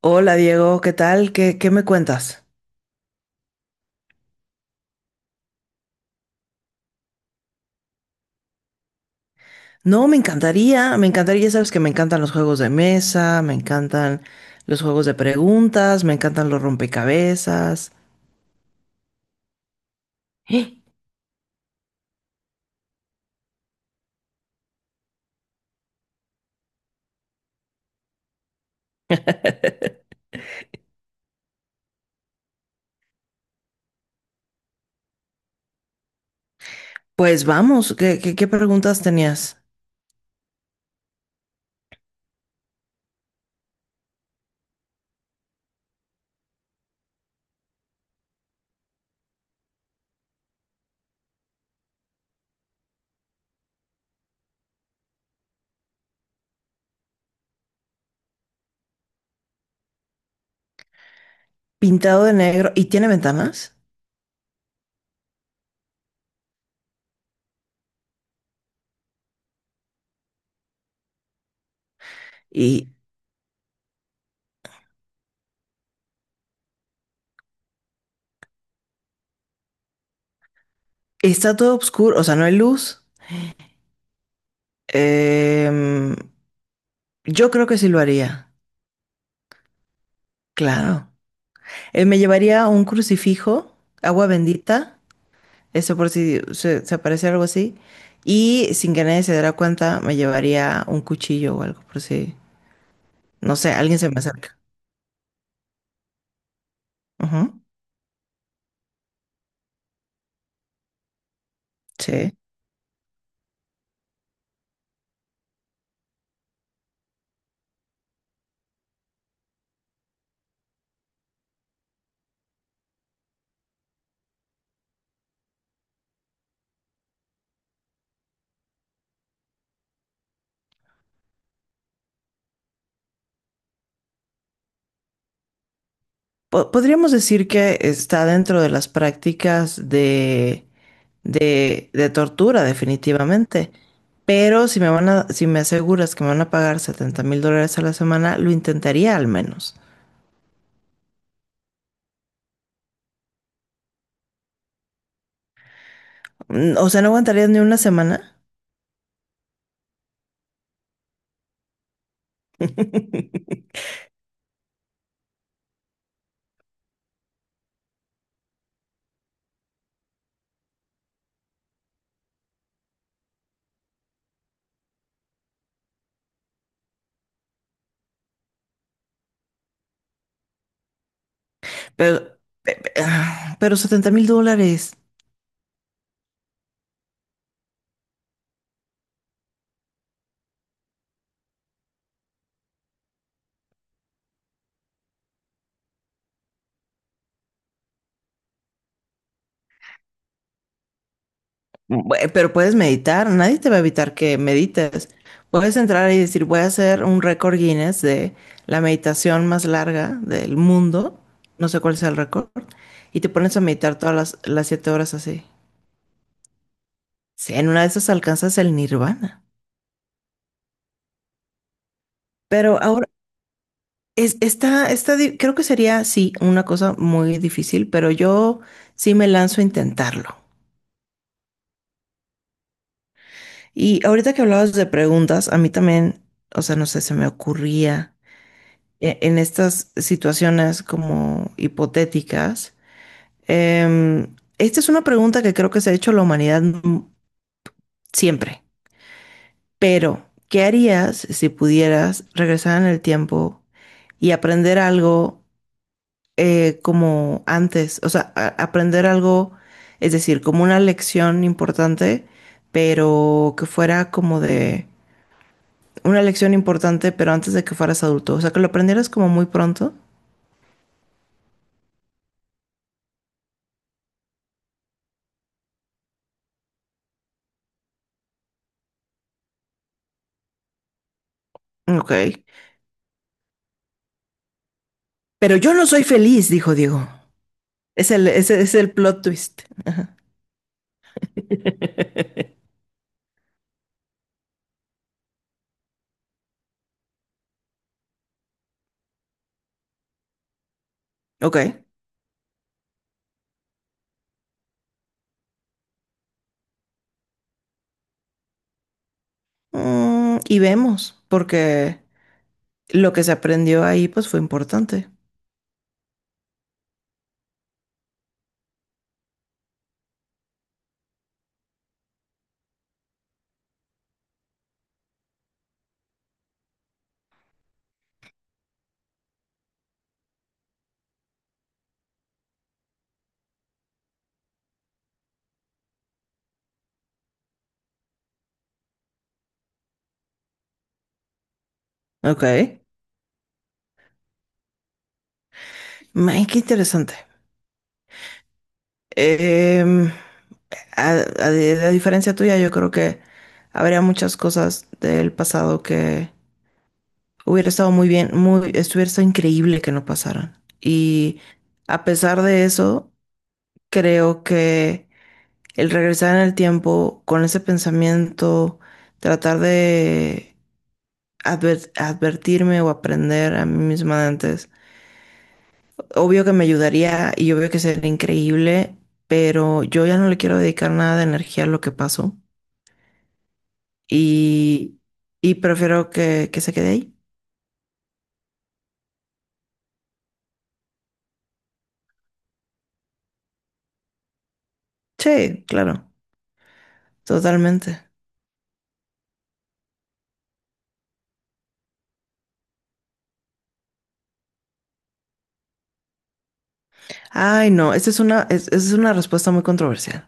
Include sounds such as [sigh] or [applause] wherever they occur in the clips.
Hola Diego, ¿qué tal? ¿Qué me cuentas? No, me encantaría, ya sabes que me encantan los juegos de mesa, me encantan los juegos de preguntas, me encantan los rompecabezas. [laughs] ¡Eh! Pues vamos, ¿qué preguntas tenías? Pintado de negro y tiene ventanas y está todo oscuro, o sea, no hay luz. Em, yo creo que sí lo haría, claro. Me llevaría un crucifijo, agua bendita. Eso por si se aparece algo así. Y sin que nadie se diera cuenta, me llevaría un cuchillo o algo, por si, no sé, alguien se me acerca. Ujú, sí. Podríamos decir que está dentro de las prácticas de, de tortura, definitivamente. Pero si me aseguras que me van a pagar $70,000 a la semana, lo intentaría al menos. O sea, no aguantaría ni una semana. [laughs] Pero, pero 70 mil dólares. Pero puedes meditar, nadie te va a evitar que medites. Puedes entrar y decir, voy a hacer un récord Guinness de la meditación más larga del mundo, no sé cuál sea el récord, y te pones a meditar todas las 7 horas así. Sí, en una de esas alcanzas el nirvana. Pero ahora, es, está esta di- creo que sería, sí, una cosa muy difícil, pero yo sí me lanzo a intentarlo. Y ahorita que hablabas de preguntas, a mí también, o sea, no sé, se me ocurría. En estas situaciones como hipotéticas. Esta es una pregunta que creo que se ha hecho la humanidad siempre, pero ¿qué harías si pudieras regresar en el tiempo y aprender algo como antes? O sea, aprender algo, es decir, como una lección importante, pero que fuera como de una lección importante, pero antes de que fueras adulto. O sea, que lo aprendieras como muy pronto. Ok. Pero yo no soy feliz, dijo Diego. Es el, ese es el plot twist. Ok. Y vemos, porque lo que se aprendió ahí pues fue importante. Ok. ¡Ay, qué interesante! Em, a, Diferencia tuya, yo creo que habría muchas cosas del pasado que hubiera estado muy bien, muy, estuviera estado increíble que no pasaran. Y a pesar de eso, creo que el regresar en el tiempo con ese pensamiento, tratar de advertirme o aprender a mí misma de antes. Obvio que me ayudaría y obvio que sería increíble, pero yo ya no le quiero dedicar nada de energía a lo que pasó y, y prefiero que se quede ahí. Sí, claro, totalmente. Ay, no, esta es una respuesta muy controversial.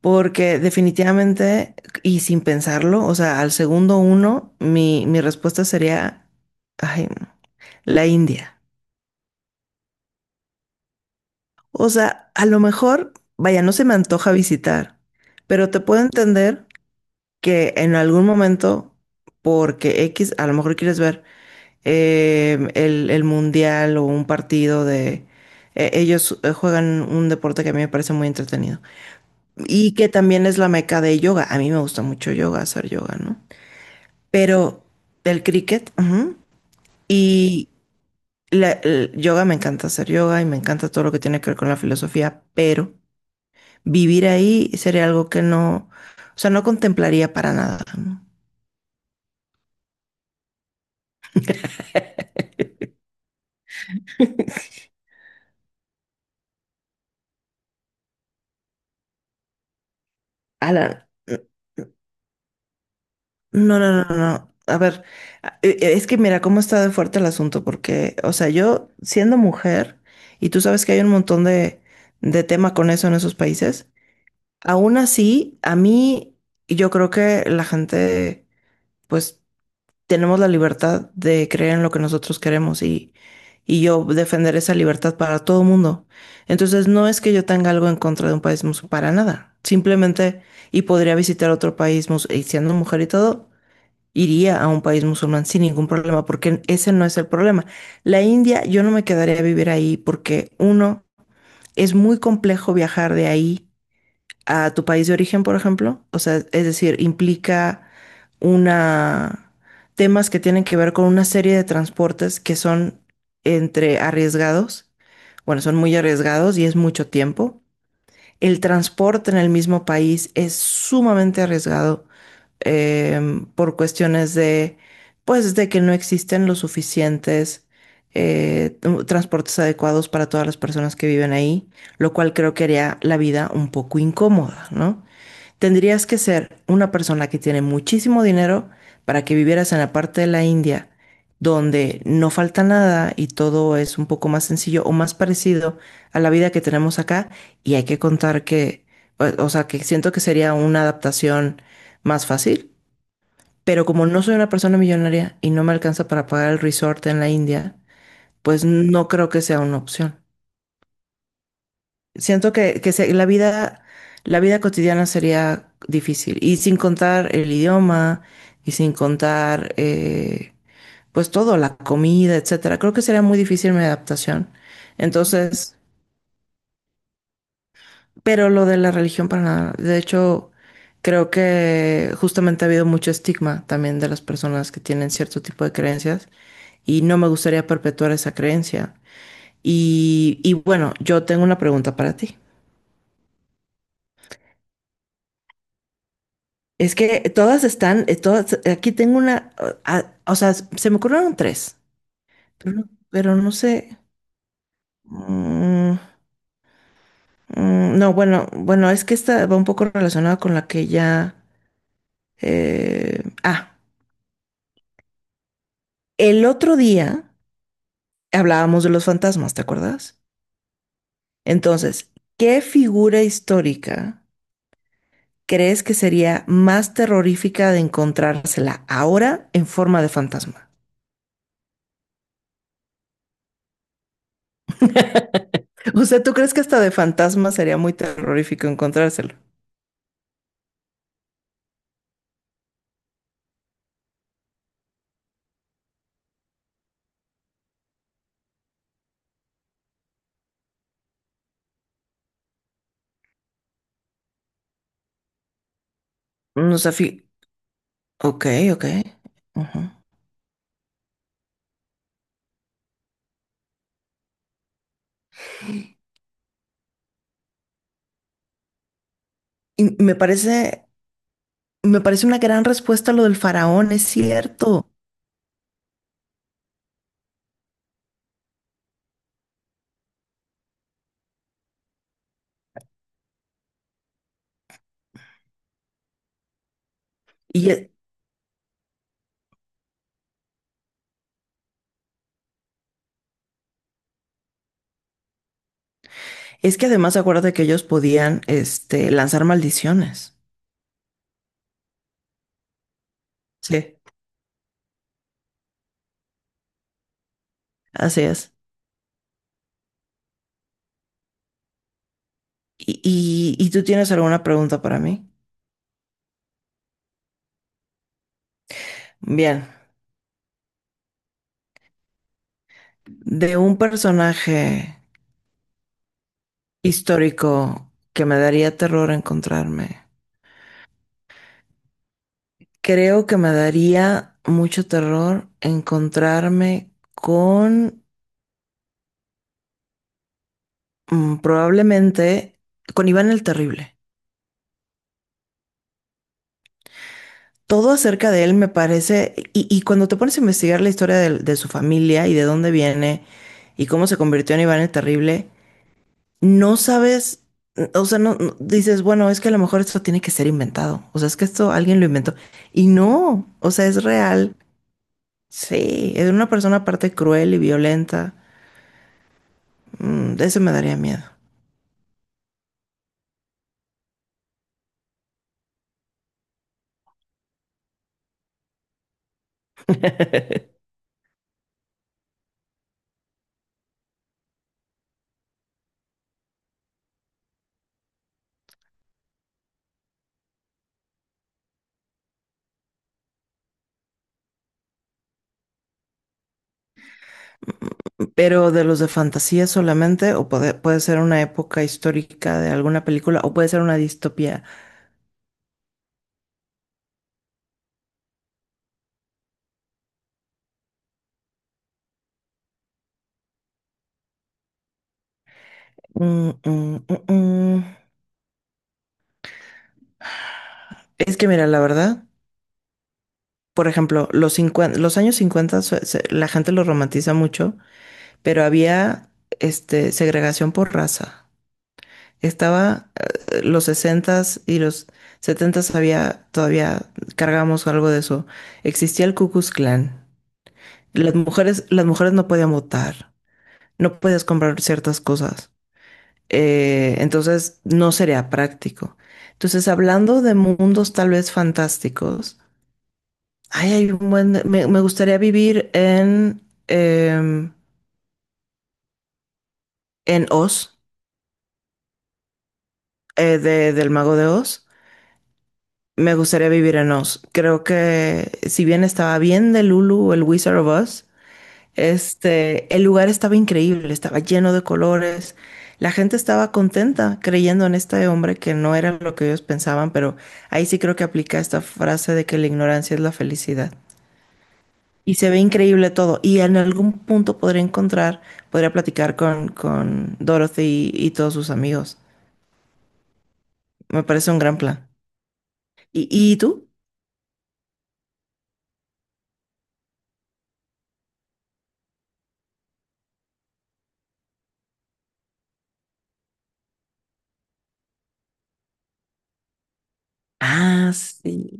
Porque definitivamente, y sin pensarlo, o sea, al segundo uno, mi respuesta sería, ay, no, la India. O sea, a lo mejor, vaya, no se me antoja visitar, pero te puedo entender que en algún momento, porque X, a lo mejor quieres ver el mundial o un partido de... ellos juegan un deporte que a mí me parece muy entretenido. Y que también es la meca de yoga. A mí me gusta mucho yoga, hacer yoga, ¿no? Pero del cricket, ajá, y el yoga me encanta hacer yoga y me encanta todo lo que tiene que ver con la filosofía, pero vivir ahí sería algo que no, o sea, no contemplaría para nada, ¿no? Alan, no, no, no, no, no. A ver, es que mira cómo está de fuerte el asunto, porque, o sea, yo siendo mujer, y tú sabes que hay un montón de, tema con eso en esos países, aún así, a mí, yo creo que la gente, pues, tenemos la libertad de creer en lo que nosotros queremos y yo defender esa libertad para todo el mundo. Entonces, no es que yo tenga algo en contra de un país musulmán, para nada. Simplemente, y podría visitar otro país musulmán y siendo mujer y todo, iría a un país musulmán sin ningún problema, porque ese no es el problema. La India, yo no me quedaría a vivir ahí porque, uno, es muy complejo viajar de ahí a tu país de origen, por ejemplo. O sea, es decir, implica una temas que tienen que ver con una serie de transportes que son entre arriesgados, bueno, son muy arriesgados y es mucho tiempo. El transporte en el mismo país es sumamente arriesgado por cuestiones de, pues, de que no existen los suficientes transportes adecuados para todas las personas que viven ahí, lo cual creo que haría la vida un poco incómoda, ¿no? Tendrías que ser una persona que tiene muchísimo dinero para que vivieras en la parte de la India donde no falta nada y todo es un poco más sencillo o más parecido a la vida que tenemos acá. Y hay que contar que, o sea, que siento que sería una adaptación más fácil. Pero como no soy una persona millonaria y no me alcanza para pagar el resort en la India, pues no creo que sea una opción. Siento que se- la vida cotidiana sería difícil. Y sin contar el idioma, y sin contar, pues todo, la comida, etcétera. Creo que sería muy difícil mi adaptación. Entonces, pero lo de la religión para nada. De hecho, creo que justamente ha habido mucho estigma también de las personas que tienen cierto tipo de creencias. Y no me gustaría perpetuar esa creencia. Y bueno, yo tengo una pregunta para ti. Es que todas están, todas, aquí tengo una, o sea, se me ocurrieron tres, pero, pero no sé. Mm, no, bueno, bueno, es que esta va un poco relacionada con la que ya... eh, ah, el otro día hablábamos de los fantasmas, ¿te acuerdas? Entonces, ¿qué figura histórica crees que sería más terrorífica de encontrársela ahora en forma de fantasma? [laughs] O sea, ¿tú crees que hasta de fantasma sería muy terrorífico encontrárselo? Nos sé, ok, ok. Ujú. Y me parece una gran respuesta lo del faraón, es cierto. Y es que además acuérdate que ellos podían, este, lanzar maldiciones. Sí, así es. ¿Y tú tienes alguna pregunta para mí? Bien, de un personaje histórico que me daría terror encontrarme. Creo que me daría mucho terror encontrarme con probablemente con Iván el Terrible. Todo acerca de él me parece, y cuando te pones a investigar la historia su familia y de dónde viene y cómo se convirtió en Iván el Terrible, no sabes, o sea, dices, bueno, es que a lo mejor esto tiene que ser inventado, o sea, es que esto alguien lo inventó. Y no, o sea, es real. Sí, es una persona aparte cruel y violenta. De ese me daría miedo. Pero de los de fantasía solamente, o puede, puede ser una época histórica de alguna película, o puede ser una distopía. Mm, mm, mm, mm. Es que mira, la verdad, por ejemplo, los cincuenta, los años 50 se- se- la gente lo romantiza mucho, pero había este, segregación por raza. Estaba los sesentas y los setentas había, todavía cargamos algo de eso. Existía el Ku Klux Klan. Las mujeres no podían votar, no puedes comprar ciertas cosas. Entonces no sería práctico. Entonces, hablando de mundos tal vez fantásticos, ay, hay un buen, me, gustaría vivir en, em, en Oz, del Mago de Oz. Me gustaría vivir en Oz. Creo que si bien estaba bien de Lulu, el Wizard of Oz. Este, el lugar estaba increíble, estaba lleno de colores. La gente estaba contenta creyendo en este hombre que no era lo que ellos pensaban, pero ahí sí creo que aplica esta frase de que la ignorancia es la felicidad. Y se ve increíble todo. Y en algún punto podría encontrar, podría platicar con Dorothy y todos sus amigos. Me parece un gran plan. Y tú? Ah, sí.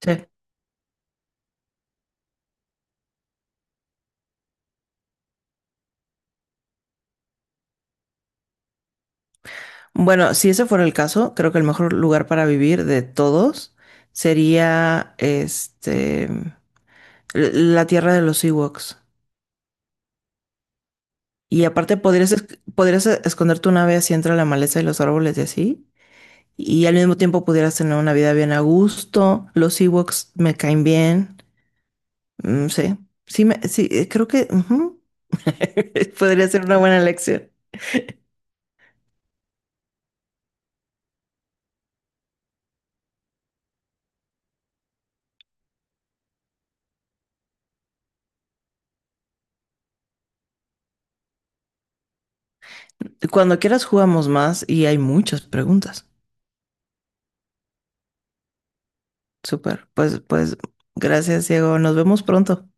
Sí. Bueno, si ese fuera el caso, creo que el mejor lugar para vivir de todos sería este la tierra de los Ewoks. Y aparte podrías, podrías esconder tu nave así entre la maleza y los árboles y así. Y al mismo tiempo pudieras tener una vida bien a gusto. Los Ewoks me caen bien. Mm, sí. Sí, sí, creo que ujú. [laughs] Podría ser una buena elección. Cuando quieras jugamos más y hay muchas preguntas. Súper. Pues, pues, gracias, Diego. Nos vemos pronto.